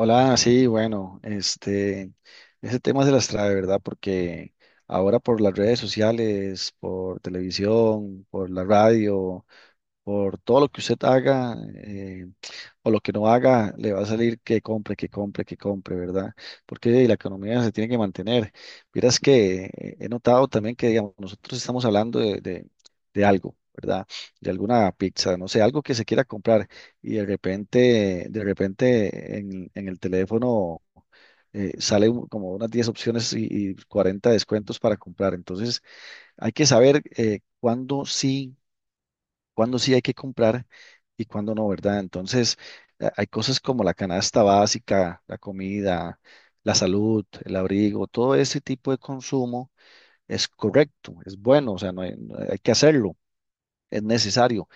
Hola, sí, bueno, ese tema se las trae, ¿verdad? Porque ahora por las redes sociales, por televisión, por la radio, por todo lo que usted haga o lo que no haga, le va a salir que compre, que compre, que compre, ¿verdad? Porque la economía se tiene que mantener. Miras que he notado también que, digamos, nosotros estamos hablando de algo, ¿verdad? De alguna pizza, no sé, algo que se quiera comprar y de repente en el teléfono sale como unas 10 opciones y 40 descuentos para comprar. Entonces, hay que saber cuándo sí hay que comprar y cuándo no, ¿verdad? Entonces, hay cosas como la canasta básica, la comida, la salud, el abrigo, todo ese tipo de consumo es correcto, es bueno, o sea, no hay que hacerlo, es necesario,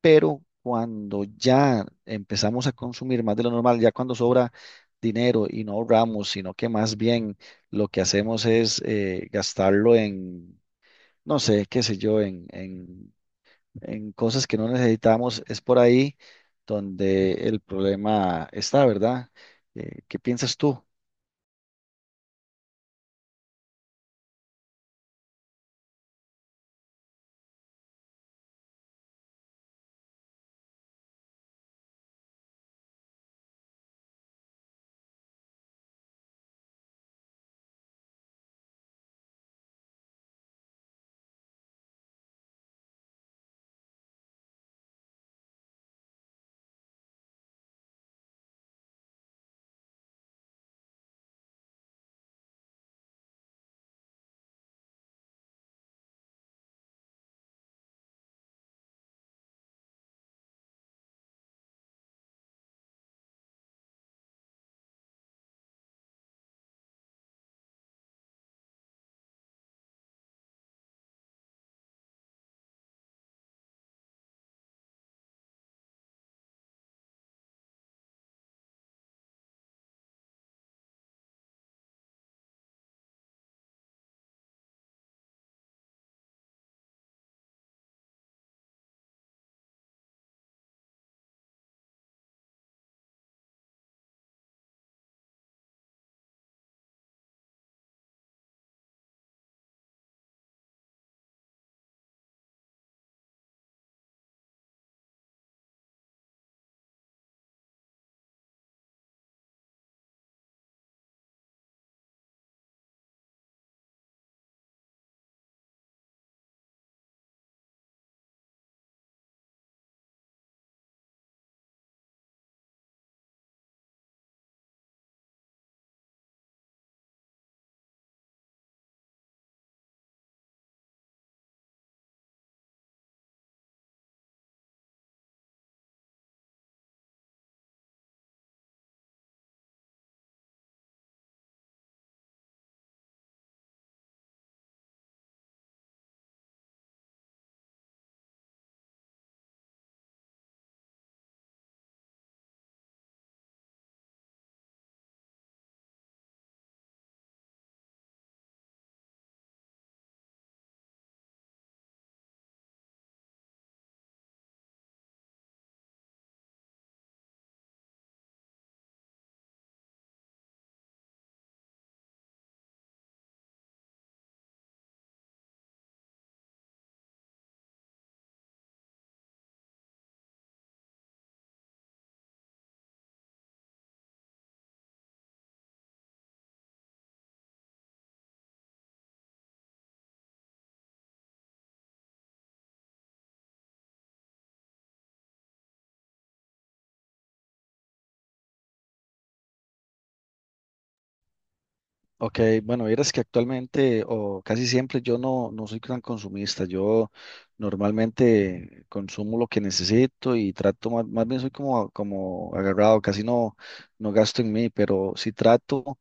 pero cuando ya empezamos a consumir más de lo normal, ya cuando sobra dinero y no ahorramos, sino que más bien lo que hacemos es gastarlo en, no sé, qué sé yo, en cosas que no necesitamos, es por ahí donde el problema está, ¿verdad? ¿Qué piensas tú? Ok, bueno, vieras que actualmente o casi siempre yo no soy tan consumista, yo normalmente consumo lo que necesito y trato, más bien soy como agarrado, casi no gasto en mí, pero sí trato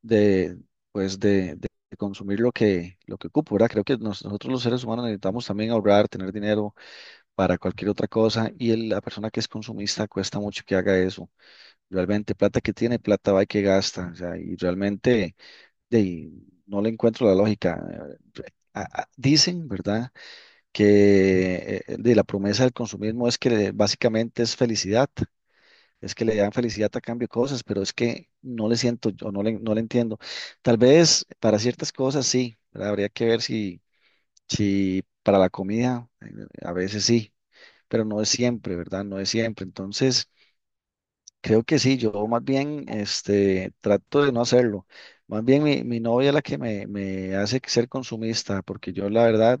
de, pues de consumir lo que ocupo, ¿verdad? Creo que nosotros los seres humanos necesitamos también ahorrar, tener dinero para cualquier otra cosa y la persona que es consumista cuesta mucho que haga eso. Realmente, plata que tiene, plata va y que gasta. O sea, y realmente de ahí, no le encuentro la lógica. Eh, Dicen, ¿verdad?, que de la promesa del consumismo es que básicamente es felicidad, es que le dan felicidad a cambio de cosas, pero es que no le siento, yo no le entiendo. Tal vez para ciertas cosas sí, ¿verdad? Habría que ver si para la comida, a veces sí pero no es siempre, ¿verdad? No es siempre. Entonces, creo que sí, yo más bien trato de no hacerlo. Más bien mi novia es la que me hace ser consumista, porque yo la verdad,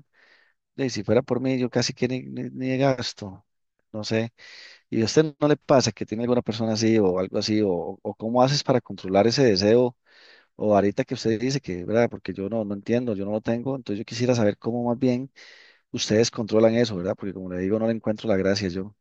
de, si fuera por mí, yo casi que ni gasto. No sé. ¿Y a usted no le pasa que tiene alguna persona así o algo así? ¿O cómo haces para controlar ese deseo? O ahorita que usted dice que, ¿verdad? Porque yo no entiendo, yo no lo tengo. Entonces yo quisiera saber cómo más bien ustedes controlan eso, ¿verdad? Porque como le digo, no le encuentro la gracia yo.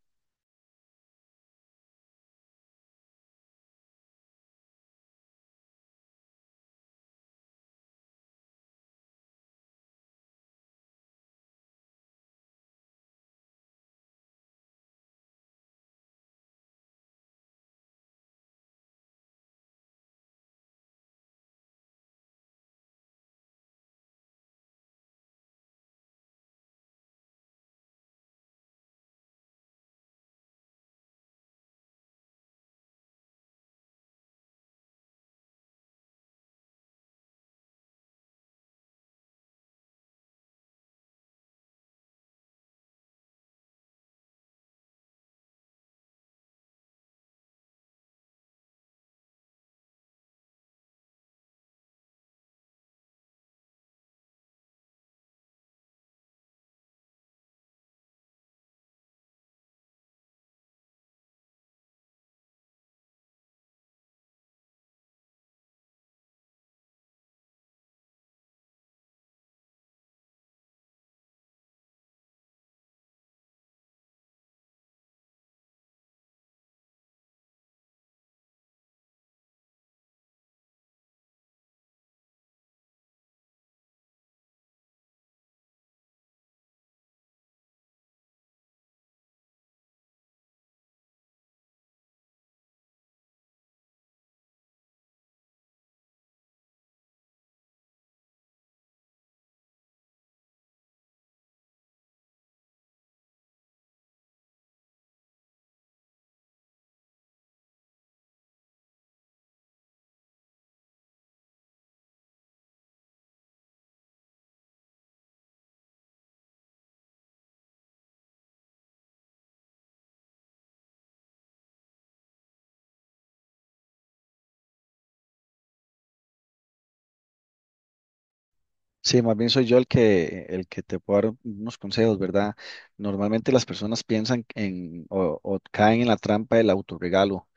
Sí, más bien soy yo el que te puedo dar unos consejos, ¿verdad? Normalmente las personas piensan en o caen en la trampa del autorregalo.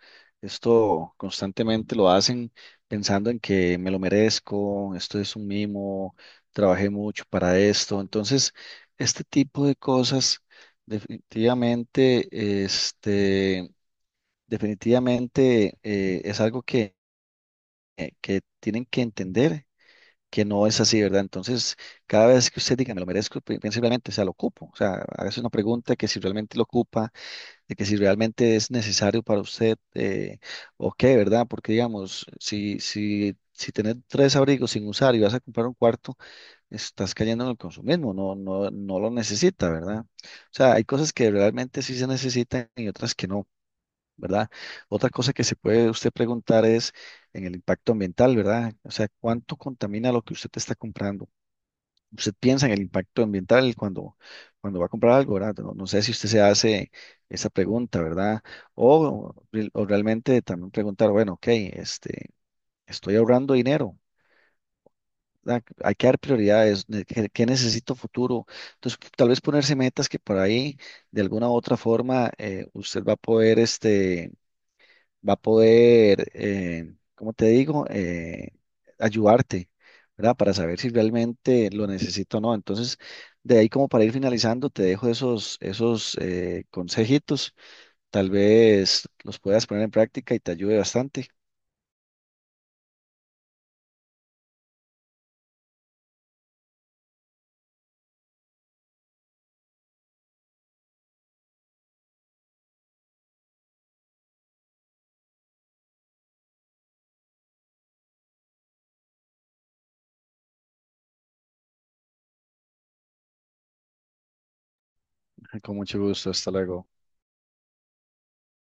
Esto constantemente lo hacen pensando en que me lo merezco, esto es un mimo, trabajé mucho para esto. Entonces, este tipo de cosas definitivamente, este, definitivamente es algo que tienen que entender que no es así, ¿verdad? Entonces, cada vez que usted diga, me lo merezco, piense realmente, o sea, lo ocupo. O sea, hágase una pregunta que si realmente lo ocupa, de que si realmente es necesario para usted, o qué, ¿verdad? Porque, digamos, si tenés tres abrigos sin usar y vas a comprar un cuarto, estás cayendo en el consumismo, no, no, no lo necesita, ¿verdad? O sea, hay cosas que realmente sí se necesitan y otras que no. ¿Verdad? Otra cosa que se puede usted preguntar es en el impacto ambiental, ¿verdad? O sea, ¿cuánto contamina lo que usted está comprando? Usted piensa en el impacto ambiental cuando va a comprar algo, ¿verdad? No, no sé si usted se hace esa pregunta, ¿verdad? O, o realmente también preguntar, bueno, ok, estoy ahorrando dinero. ¿Verdad? Hay que dar prioridades, ¿qué necesito futuro? Entonces, tal vez ponerse metas que por ahí, de alguna u otra forma, usted va a poder, como te digo, ayudarte, ¿verdad? Para saber si realmente lo necesito o no. Entonces, de ahí como para ir finalizando, te dejo esos consejitos. Tal vez los puedas poner en práctica y te ayude bastante. Con mucho gusto. Hasta luego.